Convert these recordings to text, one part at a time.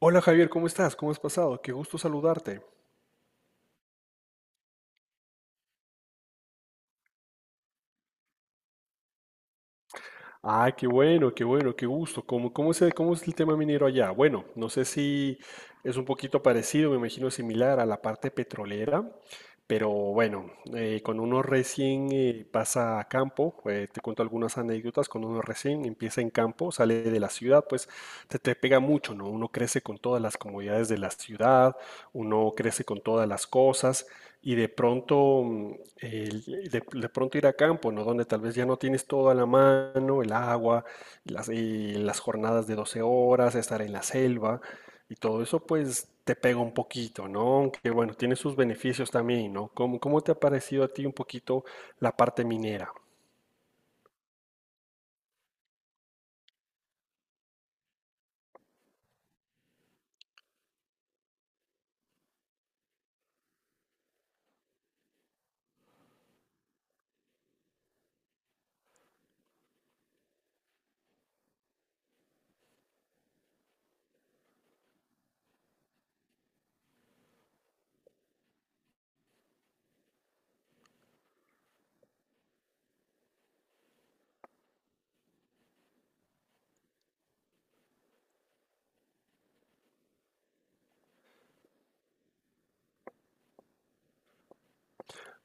Hola Javier, ¿cómo estás? ¿Cómo has pasado? Qué gusto saludarte. Ah, qué bueno, qué bueno, qué gusto. ¿Cómo es el, cómo es el tema minero allá? Bueno, no sé si es un poquito parecido, me imagino similar a la parte petrolera, pero bueno, cuando uno recién pasa a campo, te cuento algunas anécdotas, cuando uno recién empieza en campo, sale de la ciudad, pues te pega mucho, ¿no? Uno crece con todas las comodidades de la ciudad, uno crece con todas las cosas y de pronto, mm, el- de pronto ir a campo, ¿no? Donde tal vez ya no tienes todo a la mano, el agua, y las jornadas de 12 horas, estar en la selva y todo eso, pues te pega un poquito, ¿no? Aunque bueno, tiene sus beneficios también, ¿no? ¿Cómo te ha parecido a ti un poquito la parte minera?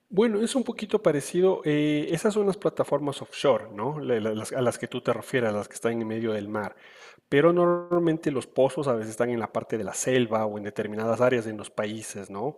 Bueno, es un poquito parecido. Eh, esas son las plataformas offshore, ¿no? A las que tú te refieres, las que están en medio del mar. Pero normalmente los pozos a veces están en la parte de la selva o en determinadas áreas en los países, ¿no?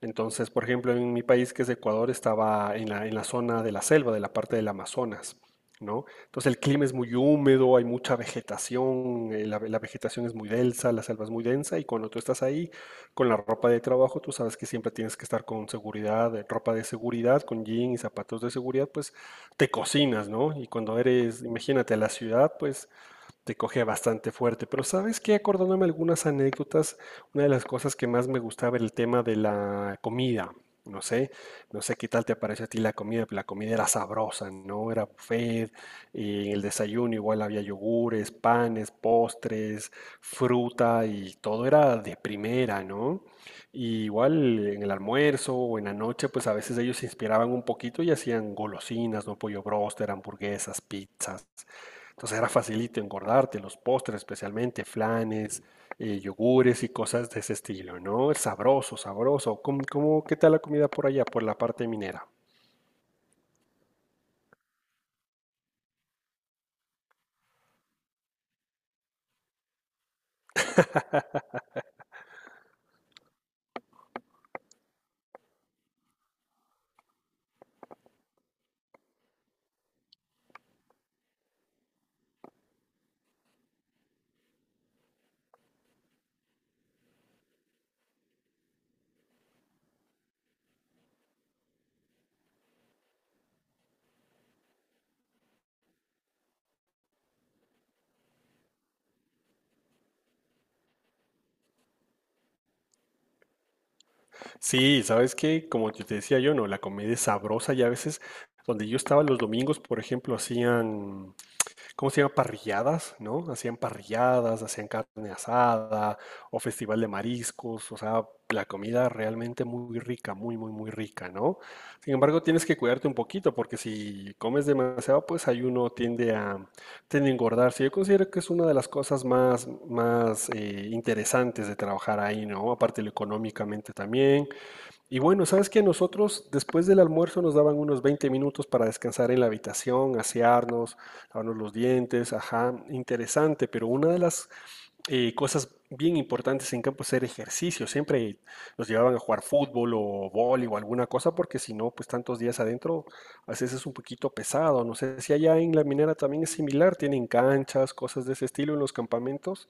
Entonces, por ejemplo, en mi país, que es Ecuador, estaba en en la zona de la selva, de la parte del Amazonas, ¿no? Entonces el clima es muy húmedo, hay mucha vegetación, la vegetación es muy densa, la selva es muy densa y cuando tú estás ahí con la ropa de trabajo, tú sabes que siempre tienes que estar con seguridad, ropa de seguridad, con jean y zapatos de seguridad, pues te cocinas, ¿no? Y cuando eres, imagínate, a la ciudad, pues te coge bastante fuerte. Pero sabes que acordándome algunas anécdotas, una de las cosas que más me gustaba era el tema de la comida. No sé, no sé qué tal te pareció a ti la comida, pero la comida era sabrosa, ¿no? Era buffet, y en el desayuno igual había yogures, panes, postres, fruta y todo era de primera, ¿no? Y igual en el almuerzo o en la noche, pues a veces ellos se inspiraban un poquito y hacían golosinas, ¿no? Pollo bróster, hamburguesas, pizzas. Entonces era facilito engordarte, los postres especialmente, flanes, yogures y cosas de ese estilo, ¿no? Sabroso, sabroso. ¿Qué tal la comida por allá, por la parte minera? Sí, ¿sabes que como yo te decía? Yo, no, la comida es sabrosa y a veces donde yo estaba los domingos, por ejemplo, hacían... ¿Cómo se llama? Parrilladas, ¿no? Hacían parrilladas, hacían carne asada o festival de mariscos, o sea, la comida realmente muy rica, muy, muy, muy rica, ¿no? Sin embargo, tienes que cuidarte un poquito porque si comes demasiado, pues ahí uno tiende a engordarse. Yo considero que es una de las cosas más interesantes de trabajar ahí, ¿no? Aparte lo económicamente también, y bueno, sabes que nosotros después del almuerzo nos daban unos 20 minutos para descansar en la habitación, asearnos, lavarnos los dientes, ajá, interesante, pero una de las cosas bien importantes en campo es hacer ejercicio, siempre nos llevaban a jugar fútbol o vóley o alguna cosa, porque si no, pues tantos días adentro a veces es un poquito pesado, no sé si allá en la minera también es similar, tienen canchas, cosas de ese estilo en los campamentos.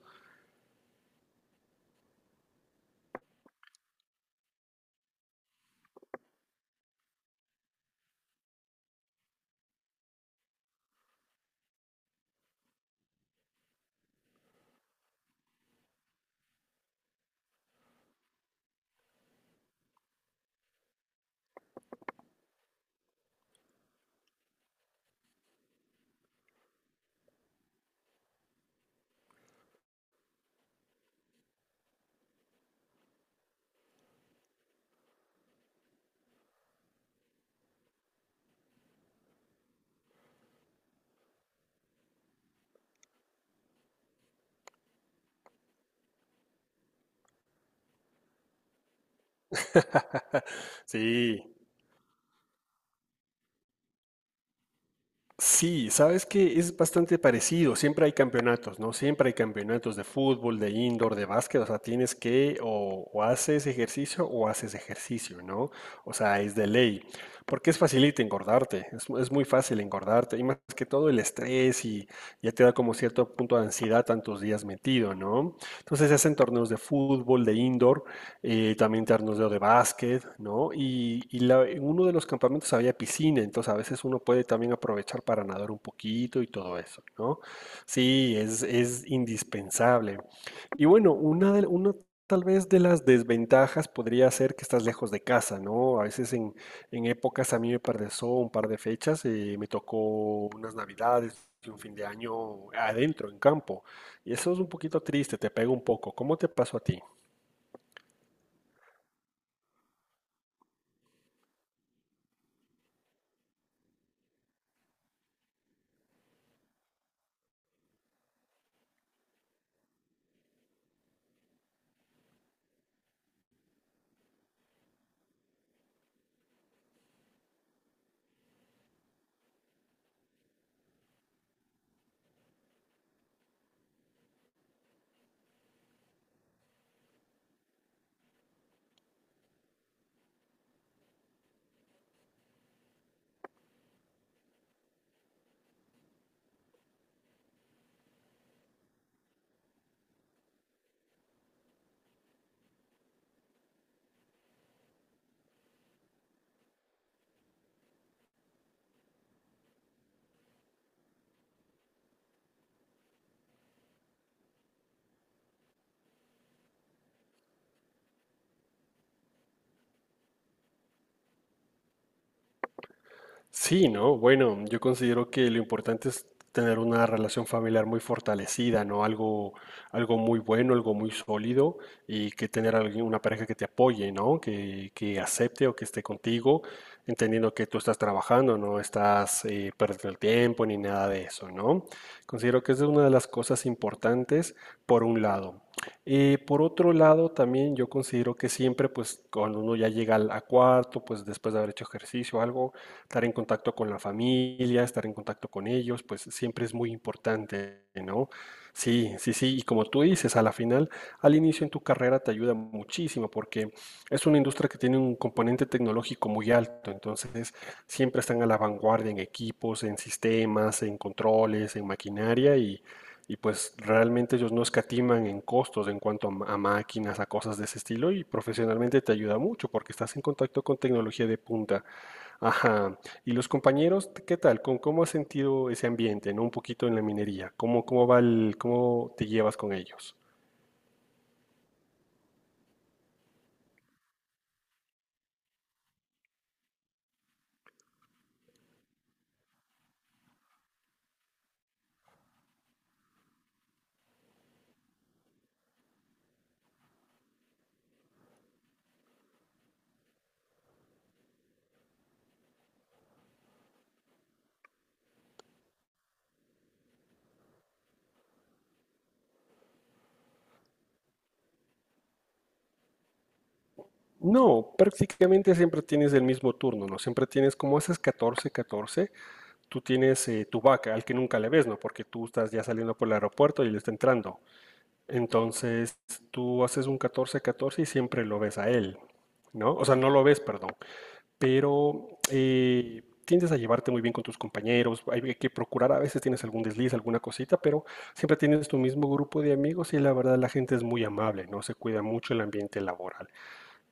Sí. Sí, sabes que es bastante parecido. Siempre hay campeonatos, ¿no? Siempre hay campeonatos de fútbol, de indoor, de básquet. O sea, tienes que o haces ejercicio, ¿no? O sea, es de ley. Porque es facilita engordarte. Es, es muy fácil engordarte. Y más que todo el estrés y ya te da como cierto punto de ansiedad tantos días metido, ¿no? Entonces se hacen torneos de fútbol, de indoor también torneo de básquet, ¿no? En uno de los campamentos había piscina, entonces a veces uno puede también aprovechar para nadar un poquito y todo eso, ¿no? Sí, es indispensable. Y bueno, una tal vez de las desventajas podría ser que estás lejos de casa, ¿no? A veces en épocas, a mí me pasó un par de fechas, me tocó unas navidades y un fin de año adentro, en campo. Y eso es un poquito triste, te pega un poco. ¿Cómo te pasó a ti? Sí, ¿no? Bueno, yo considero que lo importante es tener una relación familiar muy fortalecida, ¿no? Algo, algo muy bueno, algo muy sólido y que tener alguien, una pareja que te apoye, ¿no? Que acepte o que esté contigo, entendiendo que tú estás trabajando, no estás perdiendo el tiempo ni nada de eso, ¿no? Considero que esa es una de las cosas importantes por un lado. Por otro lado, también yo considero que siempre, pues, cuando uno ya llega al a cuarto, pues, después de haber hecho ejercicio o algo, estar en contacto con la familia, estar en contacto con ellos, pues siempre es muy importante, ¿no? Sí, sí, sí, y como tú dices, a la final, al inicio en tu carrera te ayuda muchísimo porque es una industria que tiene un componente tecnológico muy alto, entonces siempre están a la vanguardia en equipos, en sistemas, en controles, en maquinaria y pues realmente ellos no escatiman en costos en cuanto a, a máquinas, a cosas de ese estilo y profesionalmente te ayuda mucho porque estás en contacto con tecnología de punta. Ajá. ¿Y los compañeros, qué tal? ¿Cómo has sentido ese ambiente, ¿no? Un poquito en la minería. ¿Cómo va cómo te llevas con ellos? No, prácticamente siempre tienes el mismo turno, ¿no? Siempre tienes, como haces 14 14. Tú tienes tu vaca, al que nunca le ves, ¿no? Porque tú estás ya saliendo por el aeropuerto y él está entrando. Entonces, tú haces un 14 14 y siempre lo ves a él, ¿no? O sea, no lo ves, perdón. Pero tiendes a llevarte muy bien con tus compañeros, hay que procurar, a veces tienes algún desliz, alguna cosita, pero siempre tienes tu mismo grupo de amigos y la verdad la gente es muy amable, ¿no? Se cuida mucho el ambiente laboral.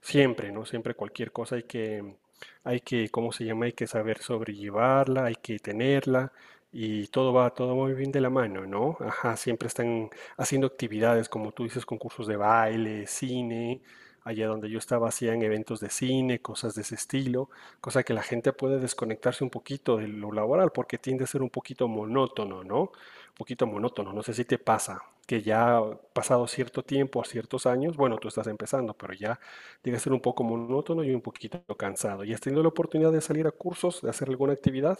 Siempre, ¿no? Siempre cualquier cosa hay que, ¿cómo se llama? Hay que saber sobrellevarla, hay que tenerla y todo va, todo muy bien de la mano, ¿no? Ajá, siempre están haciendo actividades, como tú dices, concursos de baile, cine. Allá donde yo estaba hacían eventos de cine, cosas de ese estilo, cosa que la gente puede desconectarse un poquito de lo laboral porque tiende a ser un poquito monótono, ¿no? Un poquito monótono, no sé si te pasa, que ya pasado cierto tiempo, ciertos años, bueno, tú estás empezando, pero ya llega a ser un poco monótono y un poquito cansado. ¿Y has tenido la oportunidad de salir a cursos, de hacer alguna actividad?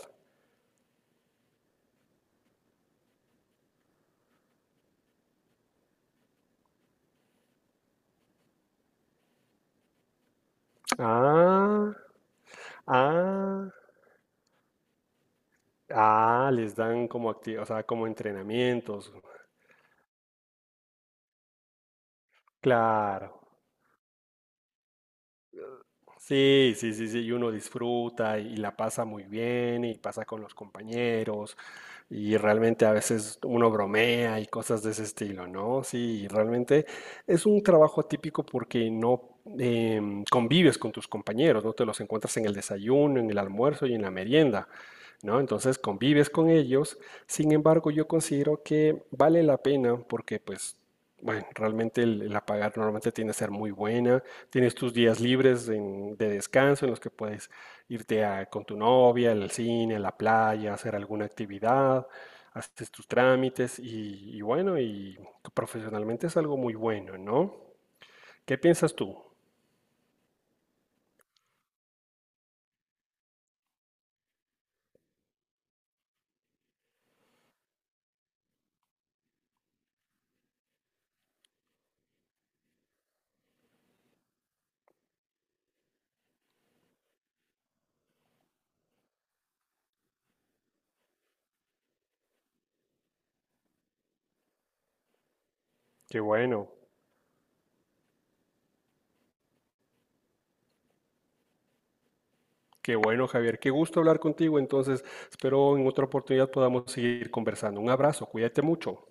Ah, ah, ah, les dan como o sea, como entrenamientos. Claro. Sí, sí, sí, sí, y uno disfruta y la pasa muy bien y pasa con los compañeros y realmente a veces uno bromea y cosas de ese estilo, ¿no? Sí, y realmente es un trabajo atípico porque no convives con tus compañeros, no te los encuentras en el desayuno, en el almuerzo y en la merienda, ¿no? Entonces convives con ellos, sin embargo yo considero que vale la pena porque pues... Bueno, realmente la paga normalmente tiende a ser muy buena. Tienes tus días libres de descanso en los que puedes irte con tu novia al cine, a la playa, hacer alguna actividad, haces tus trámites y bueno, y profesionalmente es algo muy bueno, ¿no? ¿Qué piensas tú? Qué bueno, qué bueno, Javier. Qué gusto hablar contigo. Entonces, espero en otra oportunidad podamos seguir conversando. Un abrazo, cuídate mucho.